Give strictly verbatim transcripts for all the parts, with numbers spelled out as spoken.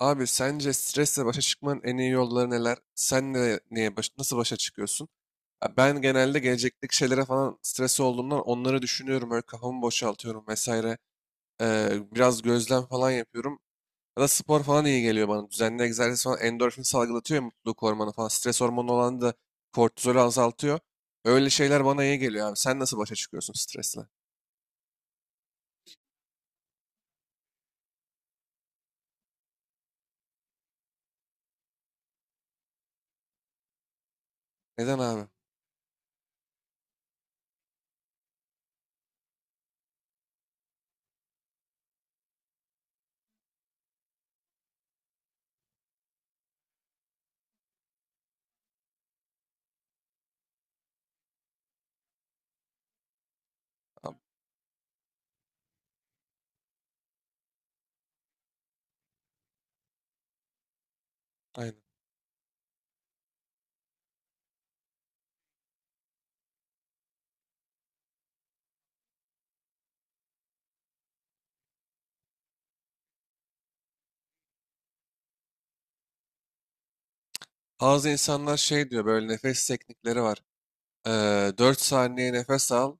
Abi sence stresle başa çıkmanın en iyi yolları neler? Sen ne, neye baş, nasıl başa çıkıyorsun? Ya Ben genelde gelecekteki şeylere falan stres olduğumdan onları düşünüyorum. Öyle kafamı boşaltıyorum vesaire. Ee, biraz gözlem falan yapıyorum. Ya da spor falan iyi geliyor bana. Düzenli egzersiz falan endorfin salgılatıyor ya, mutluluk hormonu falan. Stres hormonu olan da kortizolü azaltıyor. Öyle şeyler bana iyi geliyor abi. Sen nasıl başa çıkıyorsun stresle? Neden abi? Abi, aynen. Bazı insanlar şey diyor, böyle nefes teknikleri var. Ee, dört saniye nefes al.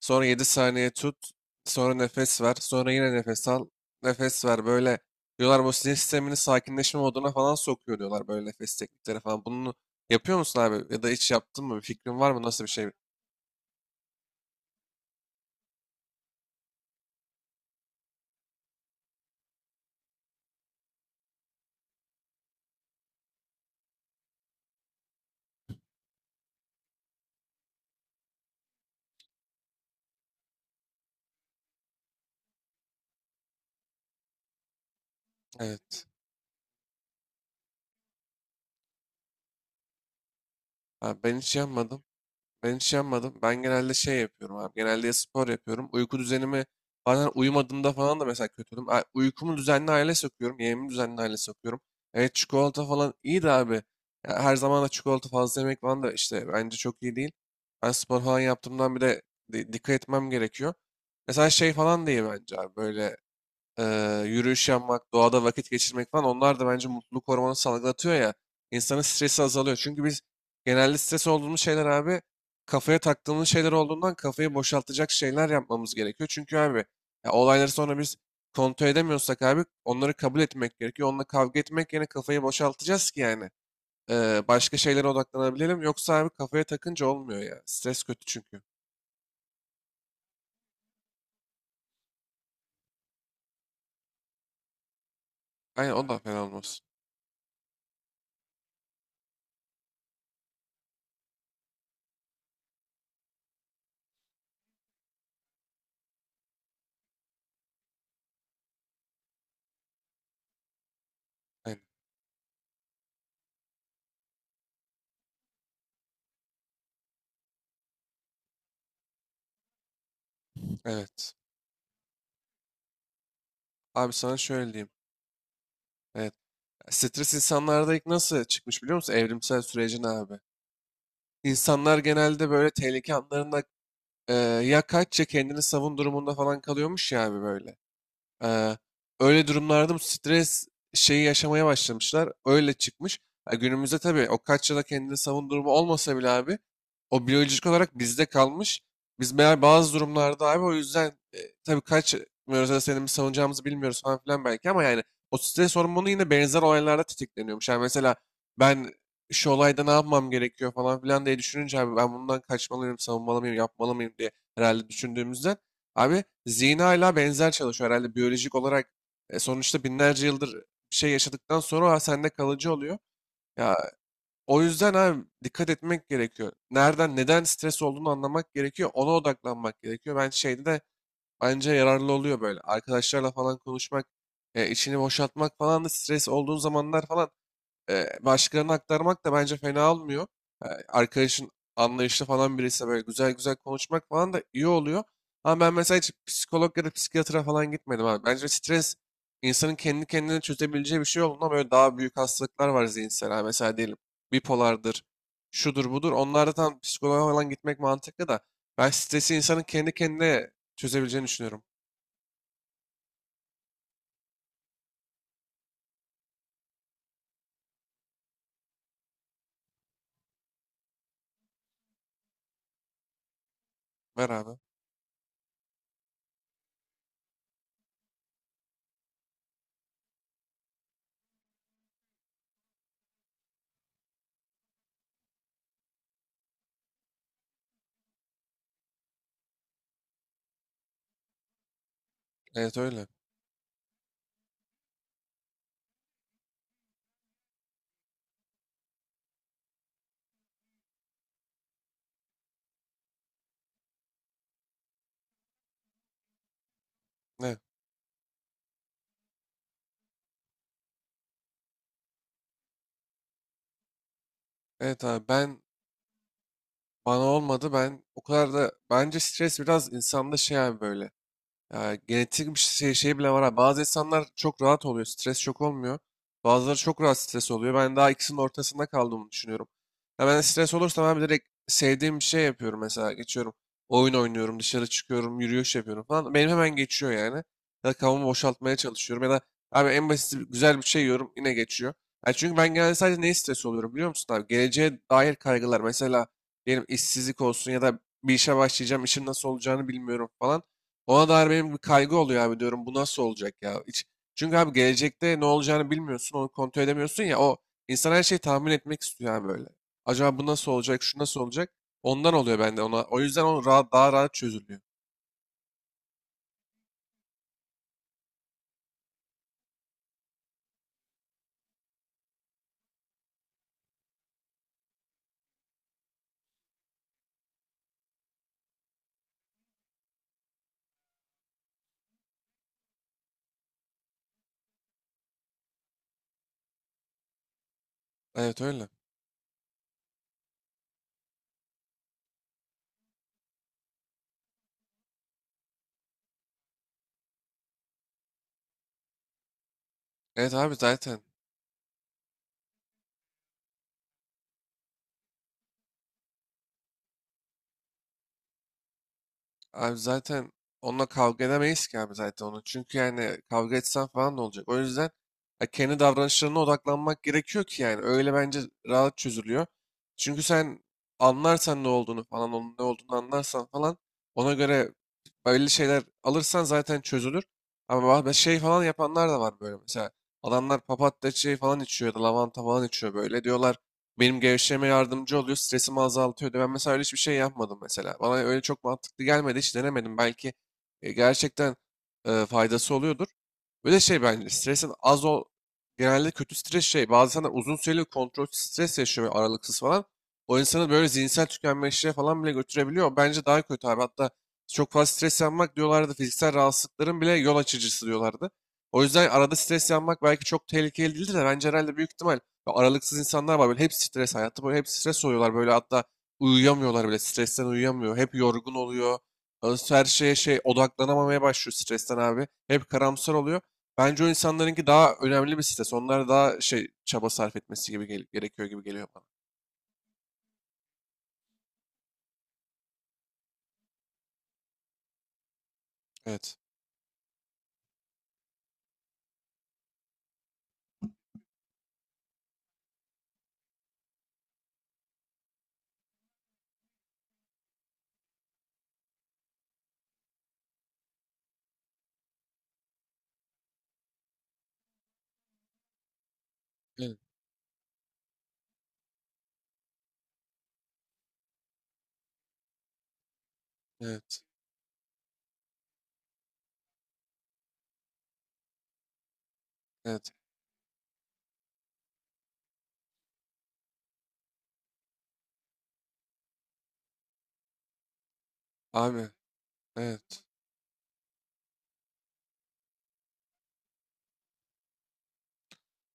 Sonra yedi saniye tut. Sonra nefes ver. Sonra yine nefes al. Nefes ver. Böyle diyorlar, bu sinir sistemini sakinleşme moduna falan sokuyor diyorlar, böyle nefes teknikleri falan. Bunu yapıyor musun abi? Ya da hiç yaptın mı? Bir fikrin var mı? Nasıl bir şey? Evet. Abi ben hiç yapmadım. Ben hiç yapmadım. Ben genelde şey yapıyorum abi. Genelde ya spor yapıyorum. Uyku düzenimi, bazen uyumadığımda falan da mesela kötü oluyorum. A- Uykumu düzenli hale sokuyorum. Yemeğimi düzenli hale sokuyorum. Evet, çikolata falan iyi de abi. Ya her zaman da çikolata fazla yemek falan da işte bence çok iyi değil. Ben spor falan yaptığımdan bir de di- dikkat etmem gerekiyor. Mesela şey falan da bence abi böyle eee, yürüyüş yapmak, doğada vakit geçirmek falan, onlar da bence mutluluk hormonu salgılatıyor ya. İnsanın stresi azalıyor. Çünkü biz genelde stres olduğumuz şeyler abi kafaya taktığımız şeyler olduğundan, kafayı boşaltacak şeyler yapmamız gerekiyor. Çünkü abi ya olayları sonra biz kontrol edemiyorsak abi, onları kabul etmek gerekiyor. Onunla kavga etmek yerine kafayı boşaltacağız ki yani. Eee, başka şeylere odaklanabilelim. Yoksa abi kafaya takınca olmuyor ya. Stres kötü çünkü. Aynen, o da fena olmaz. Aynen. Evet. Abi sana şöyle diyeyim. Evet. Stres insanlarda ilk nasıl çıkmış biliyor musun? Evrimsel sürecin abi. İnsanlar genelde böyle tehlike anlarında e, ya kaç ya kendini savun durumunda falan kalıyormuş ya abi, böyle. Eee, Öyle durumlarda bu stres şeyi yaşamaya başlamışlar. Öyle çıkmış. Ya günümüzde tabii o kaç yıla kendini savun durumu olmasa bile abi, o biyolojik olarak bizde kalmış. Biz meğer bazı durumlarda abi o yüzden e, tabii kaç da senin mi savunacağımızı bilmiyoruz falan filan belki, ama yani o stres hormonu yine benzer olaylarda tetikleniyormuş. Yani mesela ben şu olayda ne yapmam gerekiyor falan filan diye düşününce abi, ben bundan kaçmalıyım, savunmalı mıyım, yapmalı mıyım diye herhalde düşündüğümüzden abi, Zina ile benzer çalışıyor herhalde biyolojik olarak. E, sonuçta binlerce yıldır bir şey yaşadıktan sonra o sende kalıcı oluyor. Ya o yüzden abi dikkat etmek gerekiyor. Nereden, neden stres olduğunu anlamak gerekiyor. Ona odaklanmak gerekiyor. Ben şeyde de bence yararlı oluyor böyle. Arkadaşlarla falan konuşmak, e, içini boşaltmak falan da, stres olduğun zamanlar falan e, başkalarına aktarmak da bence fena olmuyor. E, arkadaşın anlayışlı falan birisi, böyle güzel güzel konuşmak falan da iyi oluyor. Ama ben mesela hiç psikolog ya da psikiyatra falan gitmedim abi. Bence stres insanın kendi kendine çözebileceği bir şey olduğundan, böyle daha büyük hastalıklar var zihinsel. Ha, mesela diyelim bipolardır, şudur budur. Onlarda tam psikoloğa falan gitmek mantıklı da ben stresi insanın kendi kendine çözebileceğini düşünüyorum. Ver abi. Evet öyle. Ne? Evet abi ben, bana olmadı. Ben o kadar da bence stres biraz insanda şey abi böyle. Ya, genetik bir şey, şey bile var abi. Bazı insanlar çok rahat oluyor. Stres çok olmuyor. Bazıları çok rahat stres oluyor. Ben daha ikisinin ortasında kaldığımı düşünüyorum. Ya ben stres olursam abi direkt sevdiğim bir şey yapıyorum mesela. Geçiyorum. Oyun oynuyorum, dışarı çıkıyorum, yürüyüş yapıyorum falan. Benim hemen geçiyor yani. Ya da kafamı boşaltmaya çalışıyorum. Ya da abi en basit, güzel bir şey yiyorum yine geçiyor. Ya çünkü ben genelde sadece neye stres oluyorum biliyor musun abi? Geleceğe dair kaygılar. Mesela diyelim işsizlik olsun, ya da bir işe başlayacağım, işim nasıl olacağını bilmiyorum falan. Ona dair benim bir kaygı oluyor abi, diyorum bu nasıl olacak ya? Hiç, çünkü abi gelecekte ne olacağını bilmiyorsun, onu kontrol edemiyorsun ya, o insan her şeyi tahmin etmek istiyor abi böyle. Acaba bu nasıl olacak, şu nasıl olacak? Ondan oluyor bende ona. O yüzden o rahat, daha rahat çözülüyor. Evet öyle. Evet abi zaten. Abi zaten onunla kavga edemeyiz ki abi, zaten onu. Çünkü yani kavga etsen falan ne olacak? O yüzden ya kendi davranışlarına odaklanmak gerekiyor ki yani. Öyle bence rahat çözülüyor. Çünkü sen anlarsan ne olduğunu falan, onun ne olduğunu anlarsan falan, ona göre öyle şeyler alırsan zaten çözülür. Ama ba- şey falan yapanlar da var böyle mesela. Adamlar papatya çayı falan içiyor ya da lavanta falan içiyor böyle. Diyorlar benim gevşeme yardımcı oluyor, stresimi azaltıyor diyor. Ben mesela öyle hiçbir şey yapmadım mesela. Bana öyle çok mantıklı gelmedi, hiç denemedim. Belki e, gerçekten e, faydası oluyordur. Böyle şey bence stresin az ol... Genelde kötü stres şey. Bazı insanlar uzun süreli kontrolsüz stres yaşıyor, böyle aralıksız falan. O insanı böyle zihinsel tükenmişliğe falan bile götürebiliyor. Bence daha kötü abi. Hatta çok fazla stres yapmak diyorlardı, fiziksel rahatsızlıkların bile yol açıcısı diyorlardı. O yüzden arada stres yapmak belki çok tehlikeli değildir de, bence herhalde büyük ihtimal böyle aralıksız insanlar var. Böyle hep stres hayatı, böyle hep stres oluyorlar. Böyle hatta uyuyamıyorlar bile. Stresten uyuyamıyor. Hep yorgun oluyor. Her şeye şey odaklanamamaya başlıyor stresten abi. Hep karamsar oluyor. Bence o insanlarınki daha önemli bir stres. Onlar daha şey, çaba sarf etmesi gibi gel- gerekiyor gibi geliyor bana. Evet. Evet. Evet. Evet. Abi. Evet.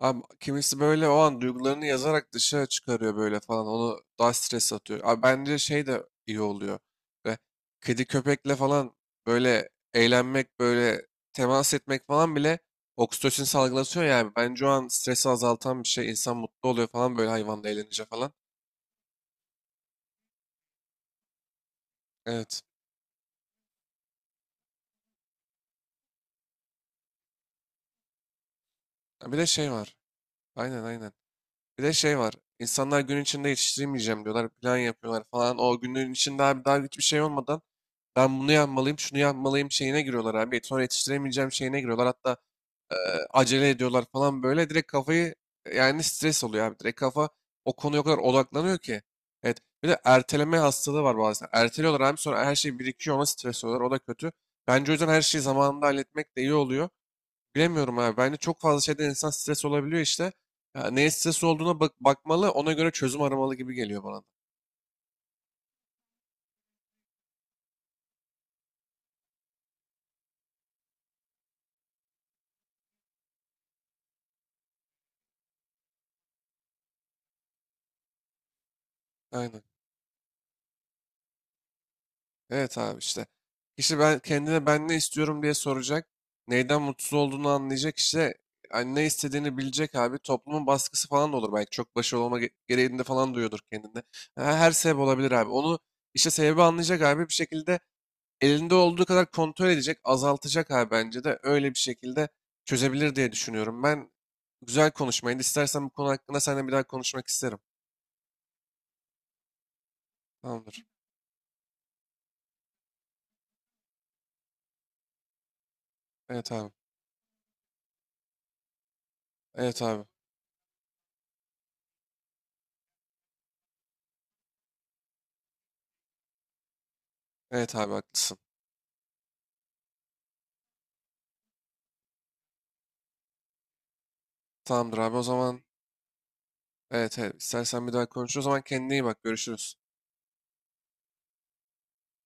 Abi kimisi böyle o an duygularını yazarak dışarı çıkarıyor böyle falan. Onu daha stres atıyor. Abi bence şey de iyi oluyor. Ve kedi köpekle falan böyle eğlenmek, böyle temas etmek falan bile oksitosin salgılatıyor yani. Bence o an stresi azaltan bir şey. İnsan mutlu oluyor falan, böyle hayvanla eğlenince falan. Evet. Ha, bir de şey var. Aynen, aynen. Bir de şey var. İnsanlar gün içinde yetiştiremeyeceğim diyorlar. Plan yapıyorlar falan. O günün içinde abi daha hiçbir şey olmadan ben bunu yapmalıyım, şunu yapmalıyım şeyine giriyorlar abi. Sonra yetiştiremeyeceğim şeyine giriyorlar. Hatta e, acele ediyorlar falan böyle. Direkt kafayı, yani stres oluyor abi. Direkt kafa o konuya o kadar odaklanıyor ki. Evet. Bir de erteleme hastalığı var bazen. Erteliyorlar abi sonra her şey birikiyor, ona stres oluyorlar. O da kötü. Bence o yüzden her şeyi zamanında halletmek de iyi oluyor. Bilemiyorum abi. Bence çok fazla şeyden insan stres olabiliyor işte. Ya neye stres olduğuna bak bakmalı, ona göre çözüm aramalı gibi geliyor bana da. Aynen. Evet abi işte. Kişi ben kendine, ben ne istiyorum diye soracak. Neyden mutsuz olduğunu anlayacak işte. Yani ne istediğini bilecek abi. Toplumun baskısı falan da olur belki. Çok başarılı olma ge- gereğinde falan duyuyordur kendinde. Ha, her sebep olabilir abi. Onu işte, sebebi anlayacak abi. Bir şekilde elinde olduğu kadar kontrol edecek. Azaltacak abi, bence de. Öyle bir şekilde çözebilir diye düşünüyorum. Ben, güzel konuşmaydı. İstersen bu konu hakkında seninle bir daha konuşmak isterim. Tamamdır. Evet abi. Evet abi. Evet abi haklısın. Tamamdır abi o zaman. Evet, evet. İstersen bir daha konuşuruz. O zaman kendine iyi bak. Görüşürüz.